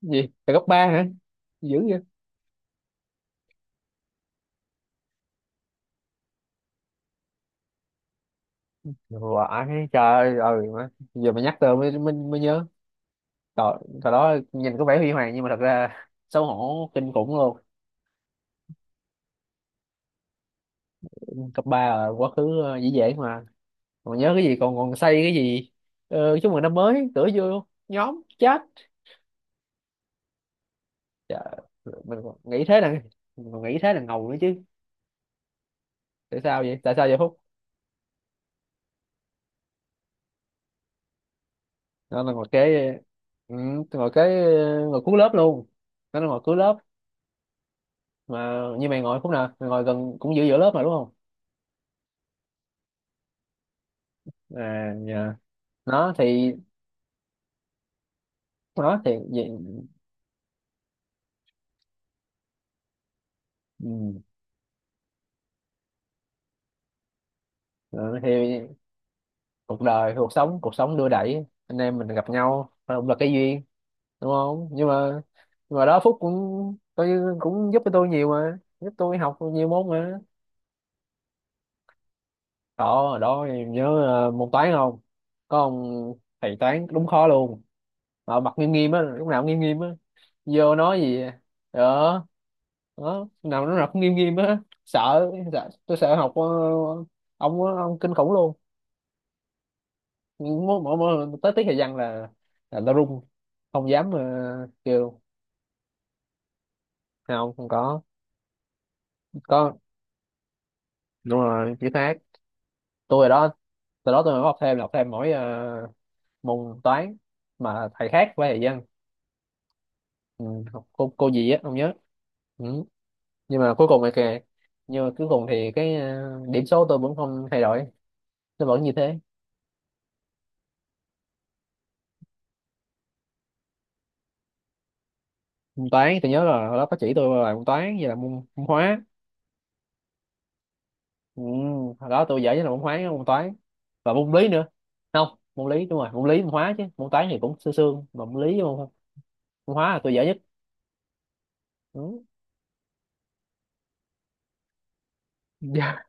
Gì là cấp ba hả? Dữ vậy. Vãi, trời ơi, ừ, má. Giờ mà nhắc tới mới nhớ. Trời, thời đó nhìn có vẻ huy hoàng nhưng mà thật ra xấu hổ kinh khủng luôn. Cấp ba là quá khứ, dễ dễ mà. Còn nhớ cái gì? Còn còn xây cái gì? Chúc mừng năm mới cửa vô nhóm chat. Trời, mình còn nghĩ thế là mình còn nghĩ thế là ngầu nữa chứ. Tại sao vậy, tại sao vậy Phúc? Nó là ngồi kế Ừ, ngồi cuối lớp luôn. Nó là ngồi cuối lớp Mà như mày ngồi khúc nào, mày ngồi gần cũng giữa giữa lớp mà đúng không? À dạ. Nó thì, nó thì gì? Ừ. Ừ, thì cuộc đời, cuộc sống đưa đẩy anh em mình gặp nhau, cũng là cái duyên đúng không? Nhưng mà, nhưng mà đó Phúc cũng coi như cũng giúp cho tôi nhiều mà, giúp tôi học nhiều môn mà. Đó đó, nhớ môn toán không? Có ông thầy toán đúng khó luôn, mà mặt nghiêm nghiêm á, lúc nào cũng nghiêm nghiêm á. Vô nói gì đó đó, nào lúc nào cũng nghiêm nghiêm á. Sợ, tôi sợ học, ông á, ông kinh khủng luôn. Mỗi lần tới tiết thời gian là tao run, không dám, kêu. Không, không có. Có, đúng rồi chữ khác. Tôi hồi đó, từ đó tôi mới học thêm, là học thêm mỗi môn toán, mà thầy khác với thầy văn. Ừ, học cô gì á không nhớ. Ừ. nhưng mà cuối cùng thì kìa nhưng mà cuối cùng thì cái, điểm số tôi vẫn không thay đổi, nó vẫn như thế. Môn toán tôi nhớ là hồi đó có chỉ tôi là môn toán, vậy là môn, môn hóa. Ừ, hồi đó tôi giỏi nhất là môn hóa, môn toán và môn lý nữa. Không, môn lý, đúng rồi môn lý môn hóa, chứ môn toán thì cũng sương sương, mà môn lý với môn, môn hóa là tôi giỏi nhất. Ừ. dạ.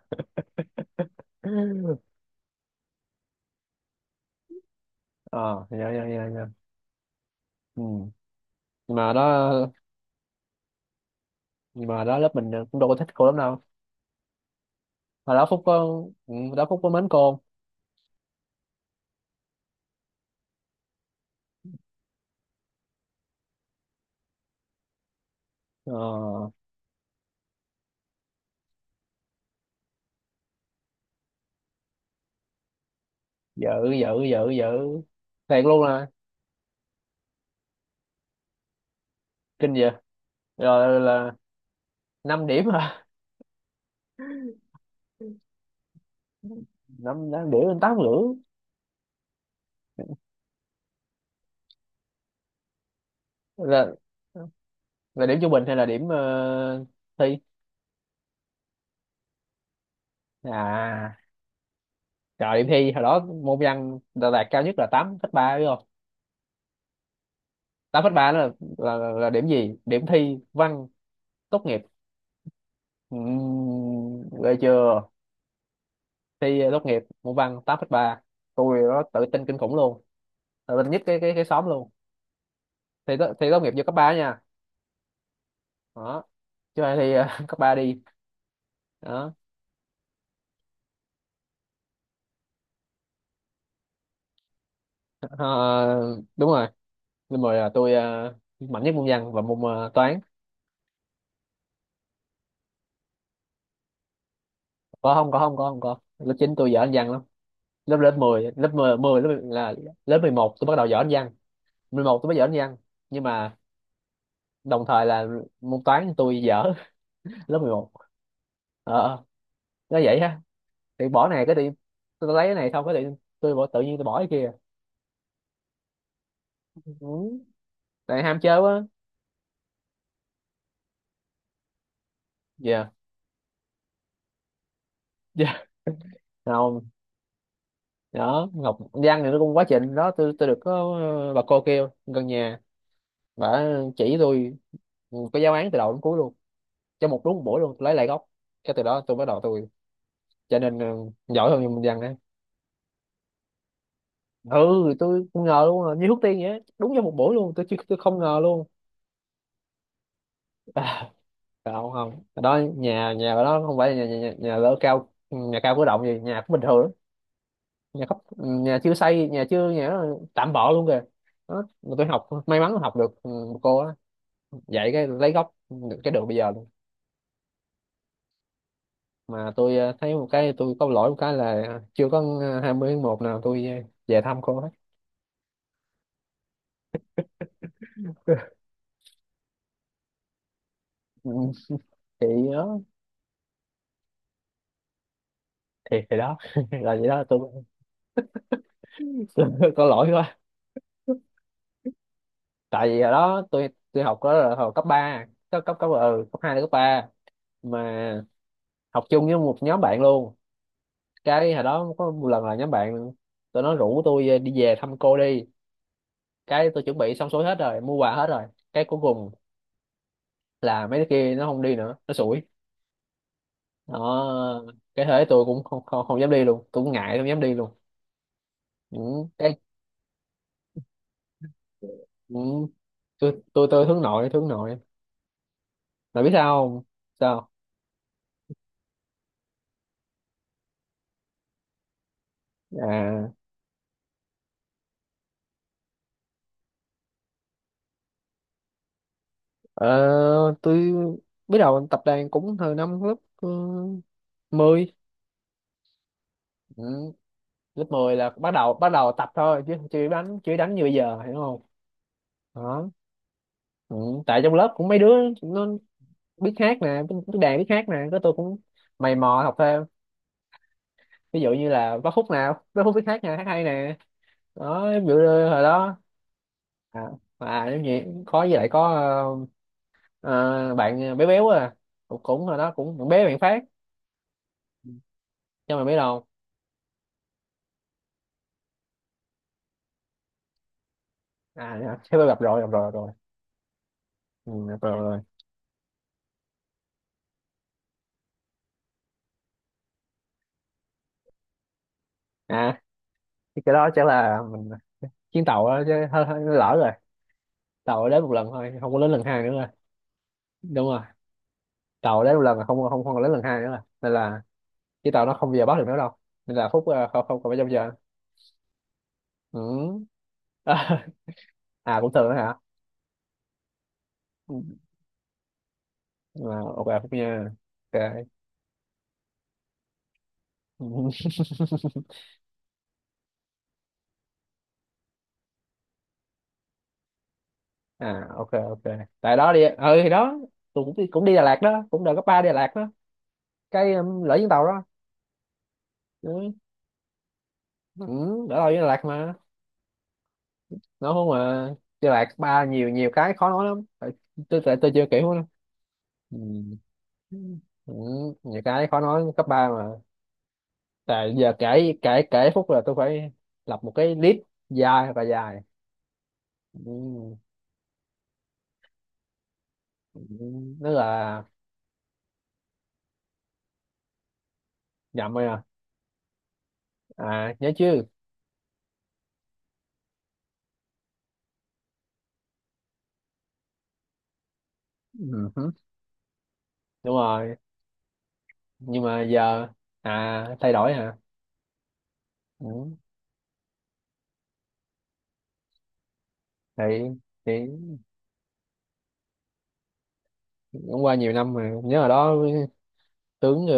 Ờ, dạ dạ dạ dạ. Ừ. nhưng mà đó nhưng mà đó lớp mình cũng đâu có thích cô lắm đâu. Mà đó Phúc có Ừ, đó Phúc có mến cô. Ờ. dữ dữ dữ Dữ. Thiệt luôn à? Kinh vậy. Rồi là, 5 điểm hả? Năm, năm điểm lên tám rưỡi? là là điểm trung bình hay là điểm thi? À, trời, điểm thi hồi đó môn văn đã đạt cao nhất là tám phẩy ba đúng không? Tám phẩy ba đó là, là điểm gì, điểm thi văn tốt nghiệp. Ghê chưa. Thi tốt nghiệp môn văn tám phẩy ba, tôi đó tự tin kinh khủng luôn, tự tin nhất cái xóm luôn. Thi tốt nghiệp vô cấp ba nha. Đó. Chứ ai thi, cấp ba đi. Đó. Ờ, đúng rồi. Nên mời là tôi, mạnh nhất môn văn và môn, toán. Có không có không có không có lớp 9 tôi giỏi anh văn lắm. Lớp lớp 10 10 lớp 11 tôi bắt đầu giỏi anh văn. Mười một tôi mới giỏi anh văn Nhưng mà đồng thời là môn toán tôi dở. lớp 11. ờ ờ, nó vậy ha. Thì bỏ này cái đi, tôi lấy cái này xong cái đi, tôi bỏ tự nhiên tôi bỏ cái kia. Ừ. Tại ham chơi quá. Dạ. yeah. Đó, Ngọc Giang thì nó cũng quá trình đó, tôi được có bà cô kêu gần nhà, bà chỉ tôi, có giáo án từ đầu đến cuối luôn. Trong một, đúng một buổi luôn tôi lấy lại gốc. Cái từ đó tôi bắt đầu, tôi trở nên giỏi hơn Minh Giang đấy. Ừ, tôi không ngờ luôn à, như thuốc tiên vậy á. Đúng trong một buổi luôn, tôi không ngờ luôn. À, không không. Ở đó nhà, nhà ở đó không phải là nhà nhà, nhà lỡ cao nhà cao cửa động gì, nhà cũng bình thường lắm. Nhà chưa xây, nhà chưa nhà nó tạm bợ luôn kìa. Đó, mà tôi học may mắn học được, ừ, cô á, dạy cái lấy gốc được cái đường bây giờ luôn. Mà tôi, thấy một cái tôi có lỗi một cái là chưa có 20 tháng 1 nào tôi, về thăm cô hết. Ừ, thì đó thì đó là vậy đó tôi, tôi có lỗi quá. Tại vì hồi đó tôi học đó là hồi cấp ba, cấp cấp cấp ừ, cấp 2 đến cấp ba, mà học chung với một nhóm bạn luôn. Cái hồi đó có một lần là nhóm bạn, tụi nó rủ tôi đi về thăm cô đi, cái tôi chuẩn bị xong xuôi hết rồi, mua quà hết rồi, cái cuối cùng là mấy đứa kia nó không đi nữa, nó sủi. Đó, cái thế tôi cũng không không, không dám đi luôn, tôi cũng ngại không dám đi luôn. Những cái những tôi hướng nội, hướng nội mà biết sao không. Sao. À, ờ, tôi biết đầu tập đàn cũng từ năm lớp, 10. Ừ. Lớp mười là bắt đầu, tập thôi chứ chưa đánh, như bây giờ hiểu không. Đó. Ừ. Tại trong lớp cũng mấy đứa nó biết hát nè, biết đàn biết hát nè, cái tôi cũng mày mò học thêm. Ví dụ như là bác Phúc, nào bác Phúc biết hát nè, hát hay nè. Đó ví dụ như hồi đó. À, à giống như có, với lại có ờ, bạn bé béo à, cũng, cũng hồi đó cũng bạn bé bạn phát cho mày biết đâu. À dạ, thế tôi gặp rồi, gặp rồi. Ừ, gặp rồi, gặp rồi. À, thì cái đó chắc là mình chuyến tàu đó chứ hơi, hơi lỡ rồi. Tàu đến một lần thôi, không có đến lần hai nữa rồi. Đúng rồi, tàu đến một lần là không không không có đến lần hai nữa rồi, nên là cái tàu nó không bao giờ bắt được nữa đâu. Nên là Phúc, không, không còn bao giờ. Ừ. à, cũng thường đó hả? Ừ. À, ok Phúc nha. Ok. à, ok ok. Tại đó đi, ừ thì đó, tôi cũng đi Đà Lạt đó, cũng đợt cấp ba đi Đà Lạt đó, cái lỡ chuyến tàu đó. Ừ, ừ, đỡ tàu với Đà Lạt mà. Nó không mà, Đà Lạt cấp ba nhiều, nhiều cái khó nói lắm. Tại tôi, tại tôi chưa kiểu lắm. Ừ. Ừ, nhiều cái khó nói cấp ba mà. Tại giờ kể kể kể phút là tôi phải lập một cái list dài và dài. Ừ. Ừ, nó là. Nhầm rồi à, à nhớ chứ. Ừ. Hứ, đúng rồi. Nhưng mà giờ, à thay đổi hả? Ừ. thì thì cũng qua nhiều năm mà, nhớ hồi đó tướng,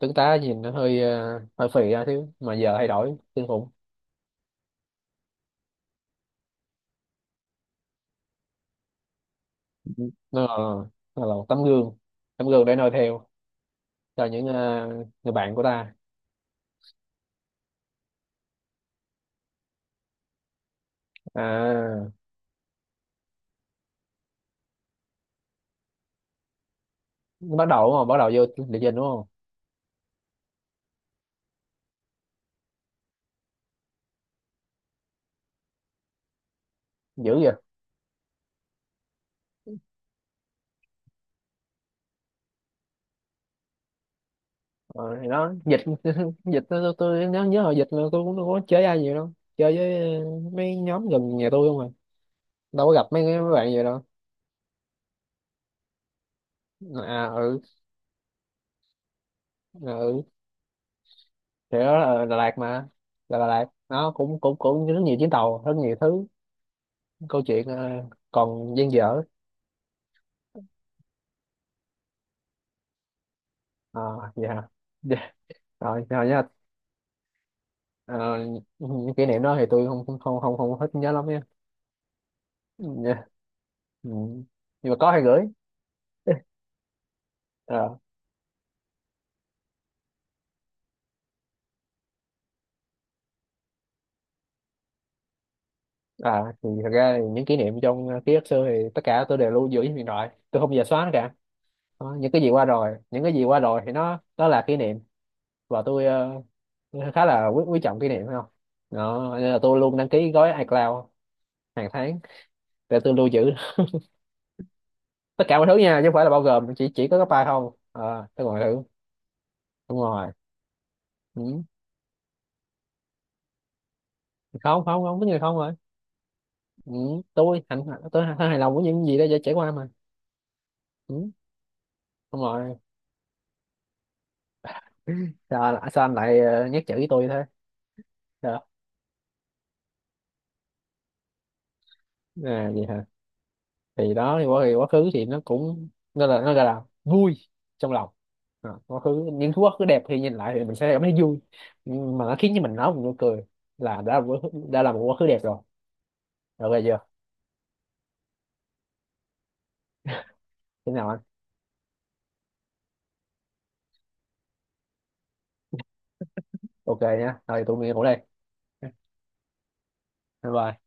tướng tá nhìn nó hơi, hơi phì ra thiếu, mà giờ thay đổi kinh khủng. Ừ. Nó là một tấm gương, tấm gương để noi theo cho những, người bạn của ta. À nó bắt đầu đúng không, bắt đầu vô địa trình đúng không. Dữ vậy. Ờ, thì nó dịch, dịch tôi, nhớ, hồi dịch là tôi cũng không có chơi ai nhiều đâu, chơi với, mấy nhóm gần nhà tôi không à, đâu có gặp mấy mấy bạn vậy đâu. À. Ừ. Ừ thì đó là Đà Lạt mà, là Đà Lạt nó cũng cũng cũng rất nhiều chuyến tàu, rất nhiều thứ, câu chuyện còn dang dở. À, vậy hả. Dạ, rồi rồi nha. Ờ, những kỷ niệm đó thì tôi không không không không, không hết nhớ lắm nha. Dạ. Ừ. Nhưng mà có hay gửi. Ờ. À thì thật ra thì những kỷ niệm trong, ký ức xưa thì tất cả tôi đều lưu giữ trên điện thoại, tôi không bao giờ xóa nó cả. Đó, những cái gì qua rồi, thì nó đó là kỷ niệm, và tôi, khá là quý, quý trọng kỷ niệm phải không. Đó nên là tôi luôn đăng ký gói iCloud hàng tháng để tôi lưu giữ tất cả mọi thứ nha, chứ không phải là bao gồm chỉ có cái file không à, tôi còn thử. Đúng rồi. Ừ. không không Không, có người không rồi. Ừ. tôi hạnh tôi hài lòng với những gì đã trải qua mà. Ừ. Đúng rồi. Sao anh lại, nhắc chữ với tôi thế. Sao. À, gì hả. Thì quá khứ thì nó cũng, nó là nó gọi là vui trong lòng. À, quá khứ những thứ quá khứ đẹp thì nhìn lại thì mình sẽ cảm thấy vui. Nhưng mà nó khiến cho mình nói một nụ cười, là đã là một quá khứ, đã là một quá khứ đẹp rồi. Được rồi chưa. Thế nào anh. Ok nhá, rồi tụi mình ngủ đây. Bye bye.